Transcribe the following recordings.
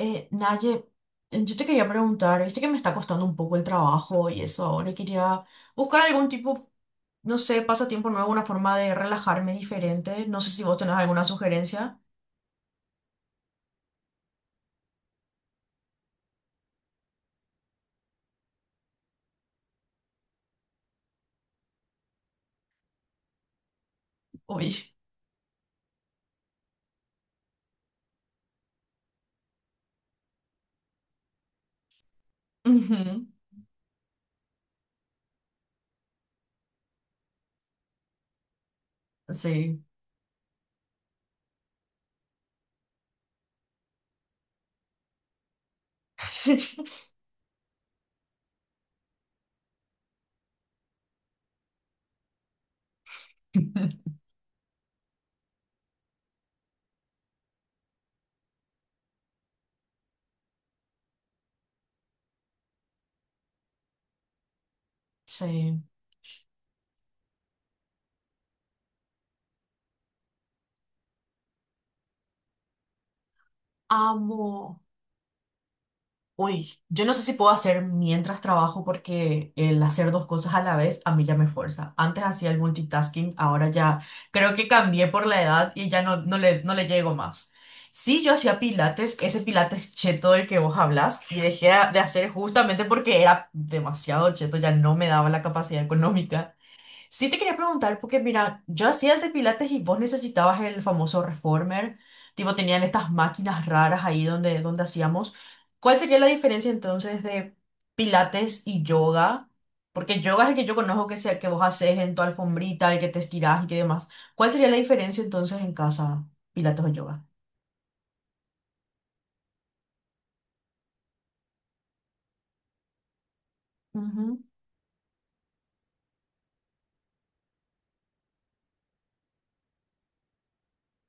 Naye, yo te quería preguntar, viste que me está costando un poco el trabajo y eso ahora, y quería buscar algún tipo, no sé, pasatiempo nuevo, una forma de relajarme diferente. No sé si vos tenés alguna sugerencia. Uy. Ujú. Sí. Sí. Amo. Uy, yo no sé si puedo hacer mientras trabajo porque el hacer dos cosas a la vez a mí ya me fuerza. Antes hacía el multitasking, ahora ya creo que cambié por la edad y ya no le llego más. Sí, yo hacía pilates, ese pilates cheto del que vos hablas, y dejé de hacer justamente porque era demasiado cheto, ya no me daba la capacidad económica. Sí te quería preguntar, porque mira, yo hacía ese pilates y vos necesitabas el famoso reformer, tipo tenían estas máquinas raras ahí donde hacíamos. ¿Cuál sería la diferencia entonces de pilates y yoga? Porque yoga es el que yo conozco que, sea, que vos haces en tu alfombrita, el que te estirás y que demás. ¿Cuál sería la diferencia entonces en casa, pilates o yoga? Ujú.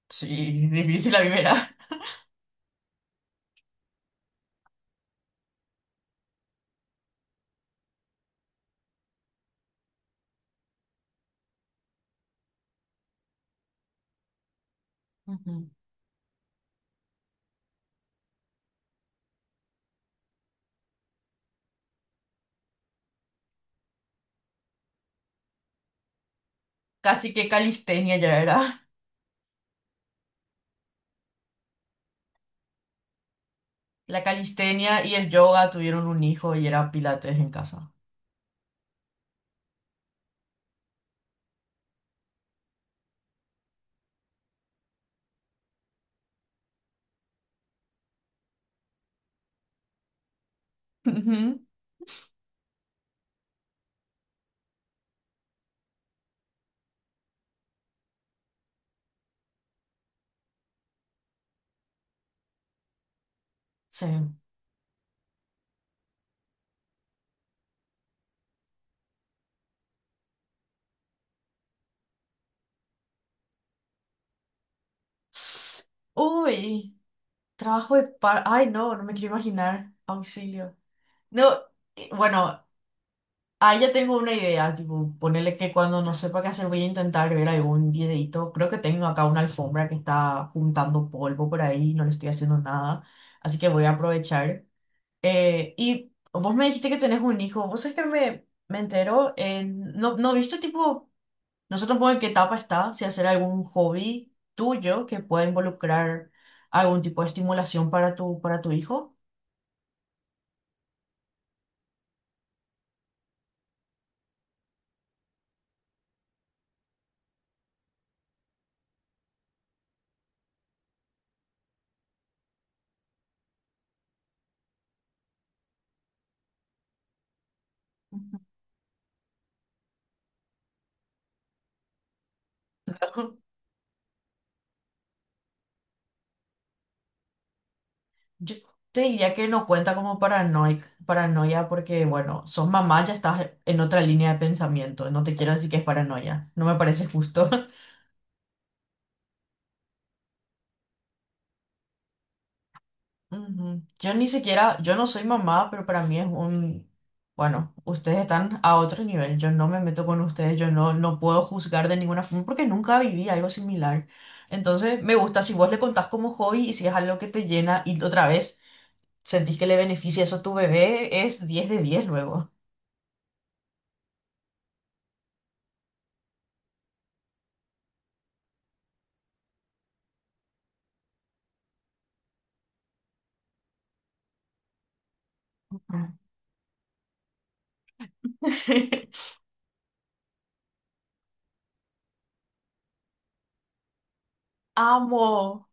Sí, difícil la primera. Ujú. Casi que calistenia ya era. La calistenia y el yoga tuvieron un hijo y era pilates en casa. Ujú. Sí. Uy, trabajo de par... Ay, no, no me quiero imaginar. Auxilio. No, bueno, ahí ya tengo una idea, tipo, ponerle que cuando no sepa qué hacer voy a intentar ver algún videito. Creo que tengo acá una alfombra que está juntando polvo por ahí, no le estoy haciendo nada, así que voy a aprovechar. Y vos me dijiste que tenés un hijo, vos es que me entero, en... no, no viste tipo... No sé tampoco en qué etapa está, si hacer algún hobby tuyo que pueda involucrar algún tipo de estimulación para tu hijo. Ujú. Yo te diría que no cuenta como paranoia porque, bueno, sos mamá, ya estás en otra línea de pensamiento. No te quiero decir que es paranoia, no me parece justo. Ujú. Yo ni siquiera, yo no soy mamá, pero para mí es un, bueno, ustedes están a otro nivel, yo no me meto con ustedes, yo no puedo juzgar de ninguna forma porque nunca viví algo similar. Entonces, me gusta si vos le contás como hobby y si es algo que te llena y otra vez sentís que le beneficia eso a tu bebé, es 10 de 10 luego. Ujú. Amo.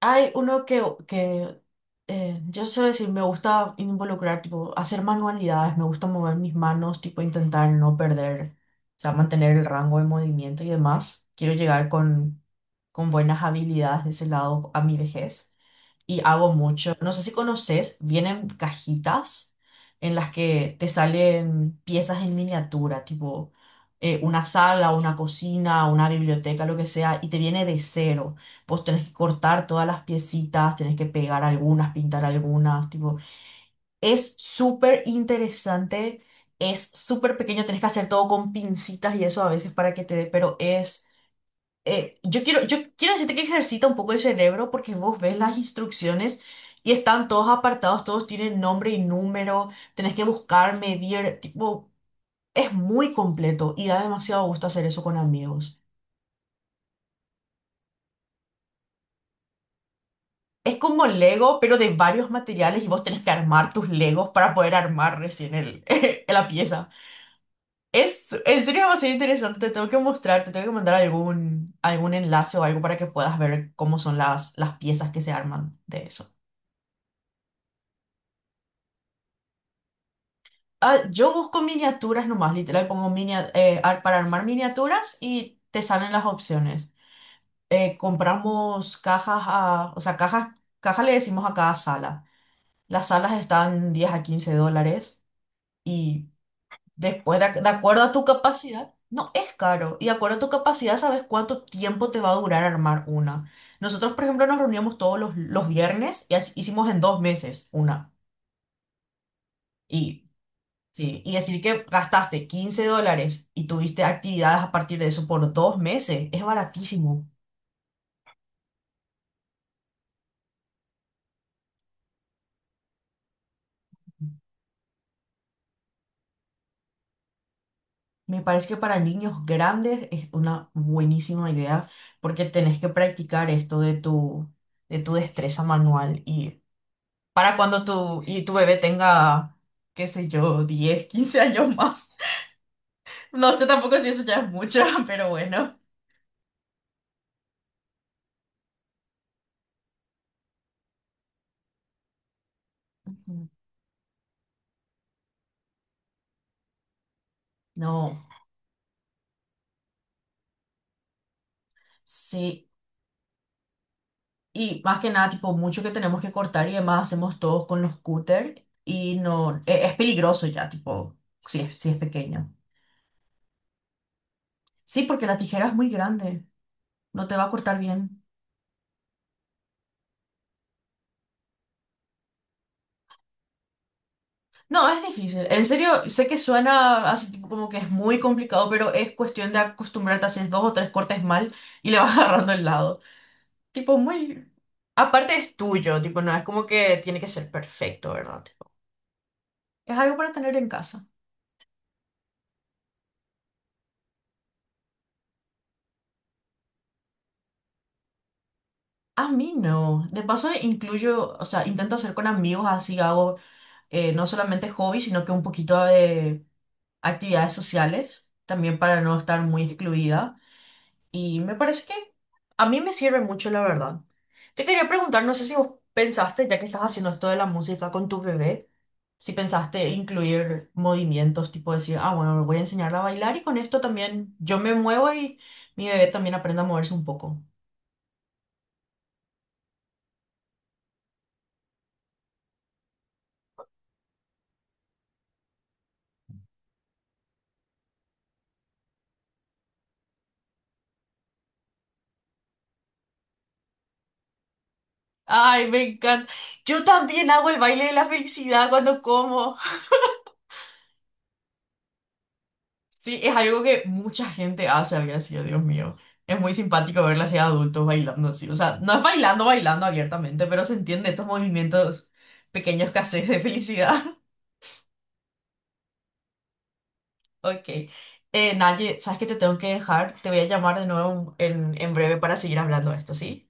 Hay uno que, que yo suelo decir, me gusta involucrar, tipo, hacer manualidades, me gusta mover mis manos, tipo, intentar no perder, o sea, mantener el rango de movimiento y demás. Quiero llegar con buenas habilidades de ese lado a mi vejez y hago mucho. No sé si conoces, vienen cajitas en las que te salen piezas en miniatura, tipo una sala, una cocina, una biblioteca, lo que sea, y te viene de cero. Vos tenés que cortar todas las piecitas, tenés que pegar algunas, pintar algunas, tipo, es súper interesante, es súper pequeño, tenés que hacer todo con pincitas y eso a veces para que te dé, pero es, yo quiero decirte que ejercita un poco el cerebro porque vos ves las instrucciones y están todos apartados, todos tienen nombre y número, tenés que buscar, medir, tipo, es muy completo y da demasiado gusto hacer eso con amigos. Es como Lego, pero de varios materiales y vos tenés que armar tus Legos para poder armar recién el, la pieza. Es en serio demasiado interesante, te tengo que mostrar, te tengo que mandar algún, algún enlace o algo para que puedas ver cómo son las piezas que se arman de eso. Ah, yo busco miniaturas nomás, literal, pongo para armar miniaturas y te salen las opciones. Compramos cajas, o sea, cajas, caja le decimos a cada sala. Las salas están $10 a $15. Y después, de acuerdo a tu capacidad, no es caro. Y de acuerdo a tu capacidad, sabes cuánto tiempo te va a durar armar una. Nosotros, por ejemplo, nos reuníamos todos los viernes hicimos en 2 meses una. Y, sí, y decir que gastaste $15 y tuviste actividades a partir de eso por 2 meses, es baratísimo. Me parece que para niños grandes es una buenísima idea porque tenés que practicar esto de tu destreza manual. Y para cuando y tu bebé tenga, qué sé yo, 10 15 años más. No sé tampoco si eso ya es mucho, pero bueno. Ujú. No, sí. Y más que nada, tipo, mucho que tenemos que cortar y demás hacemos todos con los cúter y no, es, peligroso ya, tipo, si es, si es pequeño. Sí, porque la tijera es muy grande, no te va a cortar bien. No, es difícil. En serio, sé que suena así tipo como que es muy complicado, pero es cuestión de acostumbrarte, haces dos o tres cortes mal y le vas agarrando el lado. Tipo, muy... Aparte es tuyo, tipo, no es como que tiene que ser perfecto, ¿verdad? Tipo, es algo para tener en casa. A mí no. De paso incluyo, o sea, intento hacer con amigos, así hago no solamente hobbies, sino que un poquito de actividades sociales, también para no estar muy excluida. Y me parece que a mí me sirve mucho, la verdad. Te quería preguntar, no sé si vos pensaste, ya que estás haciendo esto de la música con tu bebé, si pensaste incluir movimientos, tipo decir, ah, bueno, le voy a enseñarla a bailar y con esto también yo me muevo y mi bebé también aprende a moverse un poco. Ay, me encanta. Yo también hago el baile de la felicidad cuando como. Sí, es algo que mucha gente hace, había sido, Dios mío. Es muy simpático verla así a adultos bailando así. O sea, no es bailando, bailando abiertamente, pero se entiende estos movimientos pequeños que haces de felicidad. Ok. Naye, ¿sabes que te tengo que dejar? Te voy a llamar de nuevo en breve para seguir hablando de esto, ¿sí?